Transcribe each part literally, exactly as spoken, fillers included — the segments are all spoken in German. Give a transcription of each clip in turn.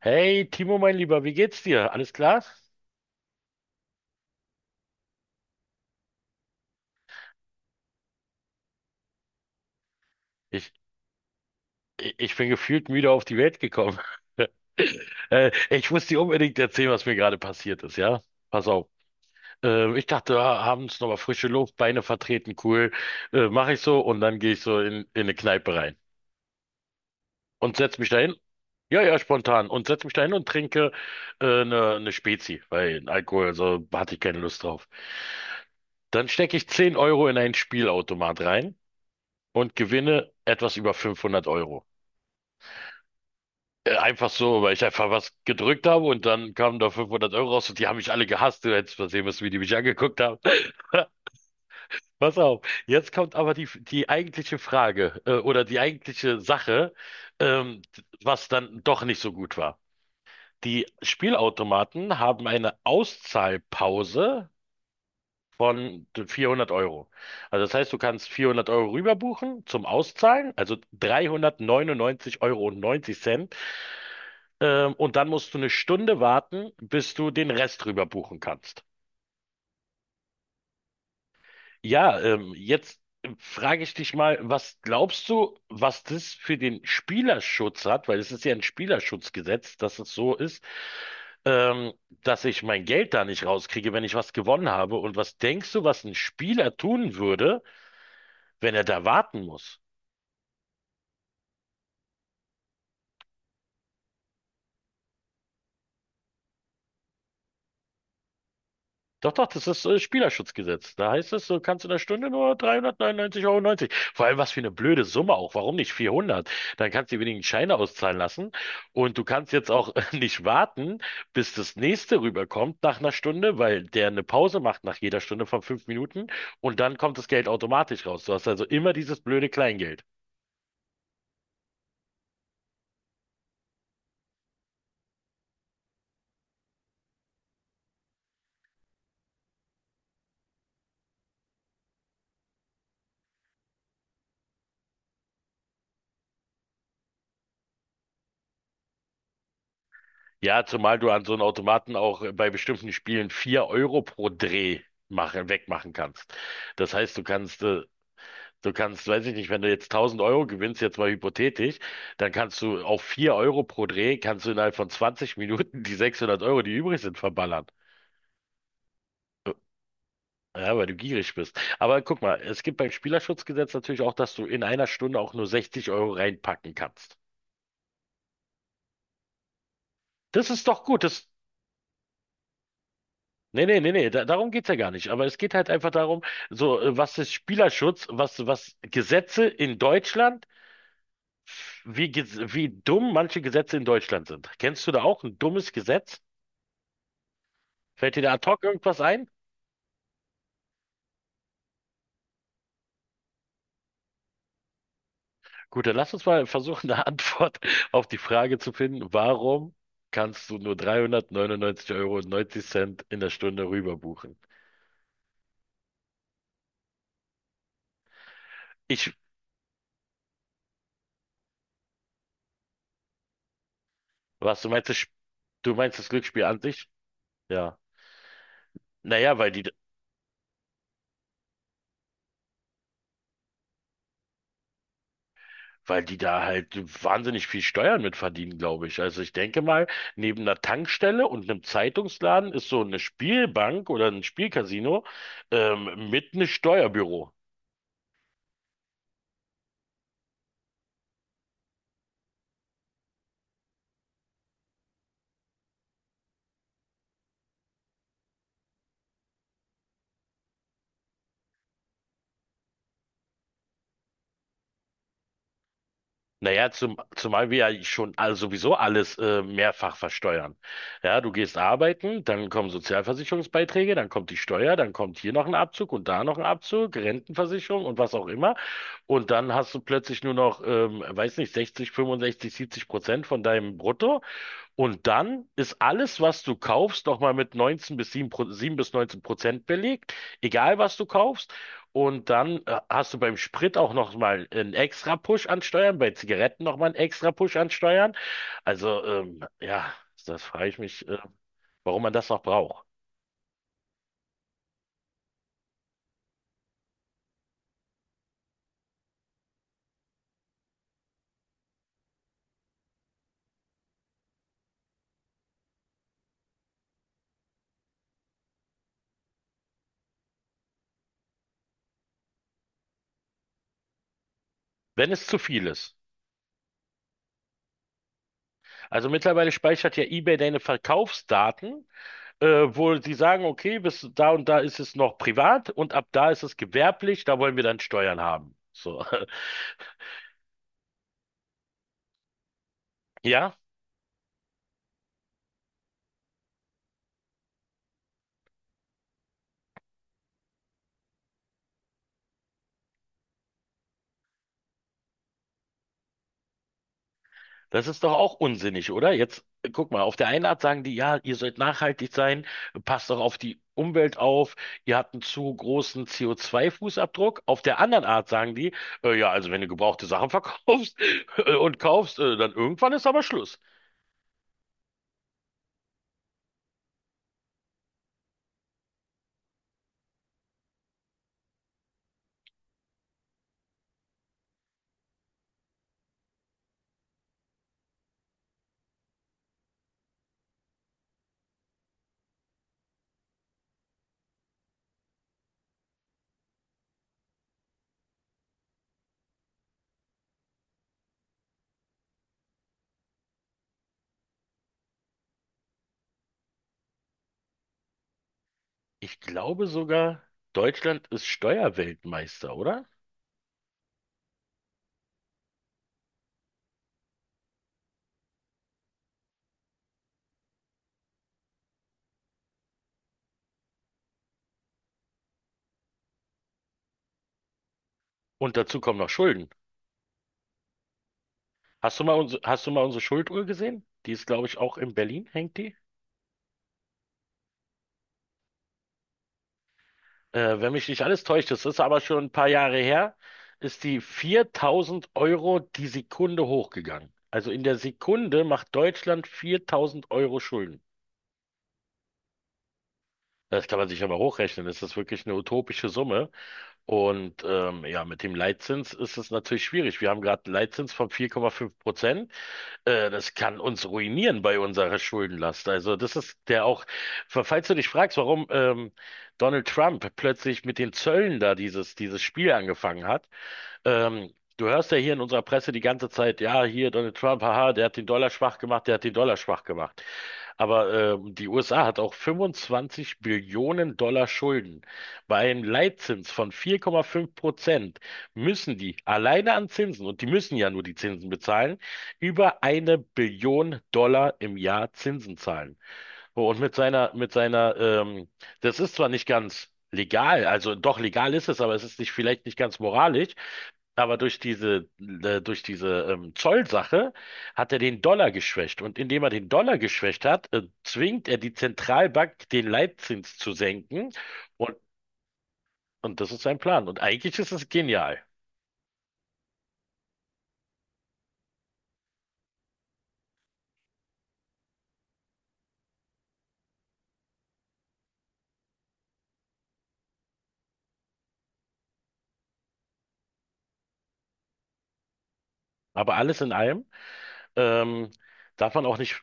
Hey Timo, mein Lieber, wie geht's dir? Alles klar? Ich, ich ich bin gefühlt müde auf die Welt gekommen. Äh, ich muss dir unbedingt erzählen, was mir gerade passiert ist, ja? Pass auf. Äh, ich dachte, ah, abends nochmal frische Luft, Beine vertreten, cool. Äh, mache ich so, und dann gehe ich so in, in eine Kneipe rein und setz mich dahin. Ja, ja, spontan. Und setz mich dahin und trinke äh, eine, eine Spezi, weil Alkohol, also hatte ich keine Lust drauf. Dann stecke ich zehn Euro in einen Spielautomat rein und gewinne etwas über fünfhundert Euro. Äh, Einfach so, weil ich einfach was gedrückt habe, und dann kamen da fünfhundert Euro raus, und die haben mich alle gehasst. Du hättest mal sehen müssen, wie die mich angeguckt haben. Pass auf, jetzt kommt aber die, die eigentliche Frage, äh, oder die eigentliche Sache, ähm, was dann doch nicht so gut war. Die Spielautomaten haben eine Auszahlpause von vierhundert Euro. Also das heißt, du kannst vierhundert Euro rüberbuchen zum Auszahlen, also dreihundertneunundneunzig Komma neunzig Euro neunzig. Ähm, und dann musst du eine Stunde warten, bis du den Rest rüber buchen kannst. Ja, ähm, jetzt ähm, frage ich dich mal, was glaubst du, was das für den Spielerschutz hat? Weil es ist ja ein Spielerschutzgesetz, dass es so ist, ähm, dass ich mein Geld da nicht rauskriege, wenn ich was gewonnen habe. Und was denkst du, was ein Spieler tun würde, wenn er da warten muss? Doch, doch, das ist äh, Spielerschutzgesetz. Da heißt es, du kannst in der Stunde nur dreihundertneunundneunzig Komma neunzig Euro neunzig. Vor allem, was für eine blöde Summe auch. Warum nicht vierhundert? Dann kannst du die wenigen Scheine auszahlen lassen. Und du kannst jetzt auch nicht warten, bis das nächste rüberkommt nach einer Stunde, weil der eine Pause macht nach jeder Stunde von fünf Minuten. Und dann kommt das Geld automatisch raus. Du hast also immer dieses blöde Kleingeld. Ja, zumal du an so einem Automaten auch äh, bei bestimmten Spielen vier Euro pro Dreh machen, wegmachen kannst. Das heißt, du kannst äh, Du kannst, weiß ich nicht, wenn du jetzt tausend Euro gewinnst, jetzt mal hypothetisch, dann kannst du auf vier Euro pro Dreh, kannst du innerhalb von zwanzig Minuten die sechshundert Euro, die übrig sind, verballern. Ja, weil du gierig bist. Aber guck mal, es gibt beim Spielerschutzgesetz natürlich auch, dass du in einer Stunde auch nur sechzig Euro reinpacken kannst. Das ist doch gut. Das, nee, nee, nee, nee, da, darum geht's ja gar nicht. Aber es geht halt einfach darum, so, äh, was ist Spielerschutz, was, was Gesetze in Deutschland, wie, ges- wie dumm manche Gesetze in Deutschland sind. Kennst du da auch ein dummes Gesetz? Fällt dir da ad hoc irgendwas ein? Gut, dann lass uns mal versuchen, eine Antwort auf die Frage zu finden, warum kannst du nur dreihundertneunundneunzig Komma neunzig Euro neunzig Cent in der Stunde rüber buchen? Ich, was, du meinst das, Sp- du meinst das Glücksspiel an sich? Ja. Naja, weil die, weil die da halt wahnsinnig viel Steuern mit verdienen, glaube ich. Also ich denke mal, neben einer Tankstelle und einem Zeitungsladen ist so eine Spielbank oder ein Spielcasino, ähm, mit einem Steuerbüro. Naja, zum, zumal wir ja schon all- sowieso alles äh, mehrfach versteuern. Ja, du gehst arbeiten, dann kommen Sozialversicherungsbeiträge, dann kommt die Steuer, dann kommt hier noch ein Abzug und da noch ein Abzug, Rentenversicherung und was auch immer. Und dann hast du plötzlich nur noch, ähm, weiß nicht, sechzig, fünfundsechzig, siebzig Prozent von deinem Brutto, und dann ist alles, was du kaufst, nochmal mit neunzehn bis sieben, Pro- sieben bis neunzehn Prozent belegt, egal was du kaufst. Und dann äh, hast du beim Sprit auch nochmal einen extra Push an Steuern, bei Zigaretten nochmal einen extra Push an Steuern. Also, ähm, ja, das frage ich mich, äh, warum man das noch braucht. Wenn es zu viel ist. Also mittlerweile speichert ja eBay deine Verkaufsdaten, äh, wo sie sagen, okay, bis da und da ist es noch privat und ab da ist es gewerblich, da wollen wir dann Steuern haben. So. Ja, das ist doch auch unsinnig, oder? Jetzt äh, guck mal, auf der einen Art sagen die, ja, ihr sollt nachhaltig sein, passt doch auf die Umwelt auf, ihr habt einen zu großen C O zwei Fußabdruck. Auf der anderen Art sagen die, äh, ja, also wenn du gebrauchte Sachen verkaufst äh, und kaufst, äh, dann irgendwann ist aber Schluss. Ich glaube sogar, Deutschland ist Steuerweltmeister, oder? Und dazu kommen noch Schulden. Hast du mal unsere, hast du mal unsere Schulduhr gesehen? Die ist, glaube ich, auch in Berlin, hängt die? äh, wenn mich nicht alles täuscht, das ist aber schon ein paar Jahre her, ist die viertausend Euro die Sekunde hochgegangen. Also in der Sekunde macht Deutschland viertausend Euro Schulden. Das kann man sich aber hochrechnen. Das ist wirklich eine utopische Summe. Und ähm, ja, mit dem Leitzins ist es natürlich schwierig. Wir haben gerade einen Leitzins von vier Komma fünf Prozent. Äh, das kann uns ruinieren bei unserer Schuldenlast. Also das ist der auch, falls du dich fragst, warum ähm, Donald Trump plötzlich mit den Zöllen da dieses, dieses Spiel angefangen hat, ähm, du hörst ja hier in unserer Presse die ganze Zeit, ja, hier Donald Trump, haha, der hat den Dollar schwach gemacht, der hat den Dollar schwach gemacht. Aber ähm, die U S A hat auch fünfundzwanzig Billionen Dollar Schulden. Bei einem Leitzins von vier Komma fünf Prozent müssen die alleine an Zinsen, und die müssen ja nur die Zinsen bezahlen, über eine Billion Dollar im Jahr Zinsen zahlen. Oh. Und mit seiner, mit seiner, ähm, das ist zwar nicht ganz legal, also doch legal ist es, aber es ist nicht, vielleicht nicht ganz moralisch, aber durch diese, äh, durch diese ähm, Zollsache hat er den Dollar geschwächt. Und indem er den Dollar geschwächt hat, äh, zwingt er die Zentralbank, den Leitzins zu senken. Und, und das ist sein Plan. Und eigentlich ist es genial. Aber alles in allem, ähm, darf man auch nicht.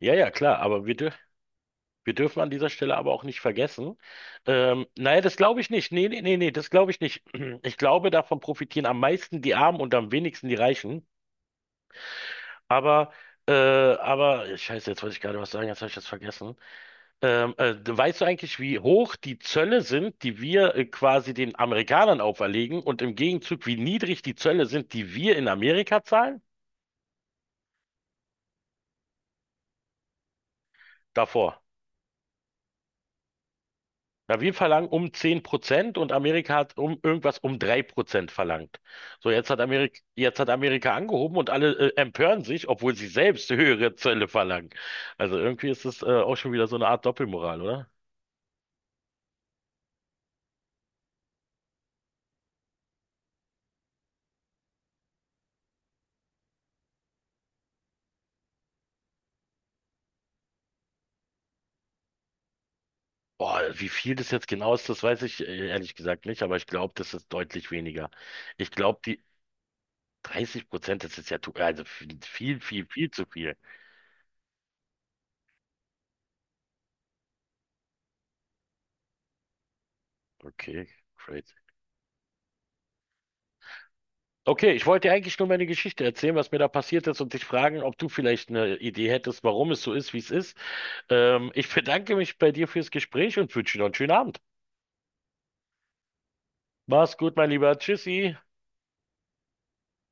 Ja, ja, klar, aber wir dürfen. Wir dürfen an dieser Stelle aber auch nicht vergessen. Ähm, naja, das glaube ich nicht. Nee, nee, nee, nee, das glaube ich nicht. Ich glaube, davon profitieren am meisten die Armen und am wenigsten die Reichen. Aber, äh, aber, scheiße, jetzt wollte ich gerade was sagen, jetzt habe ich das vergessen. Ähm, äh, weißt du eigentlich, wie hoch die Zölle sind, die wir äh, quasi den Amerikanern auferlegen, und im Gegenzug, wie niedrig die Zölle sind, die wir in Amerika zahlen? Davor. Ja, wir verlangen um zehn Prozent, und Amerika hat um irgendwas um drei Prozent verlangt. So, jetzt hat Amerika, jetzt hat Amerika angehoben und alle äh, empören sich, obwohl sie selbst höhere Zölle verlangen. Also irgendwie ist es äh, auch schon wieder so eine Art Doppelmoral, oder? Boah, wie viel das jetzt genau ist, das weiß ich äh, ehrlich gesagt nicht, aber ich glaube, das ist deutlich weniger. Ich glaube, die dreißig Prozent, das ist ja, tu- also viel, viel, viel zu viel. Okay, crazy. Okay, ich wollte dir eigentlich nur meine Geschichte erzählen, was mir da passiert ist, und dich fragen, ob du vielleicht eine Idee hättest, warum es so ist, wie es ist. Ähm, ich bedanke mich bei dir fürs Gespräch und wünsche dir noch einen schönen Abend. Mach's gut, mein Lieber. Tschüssi.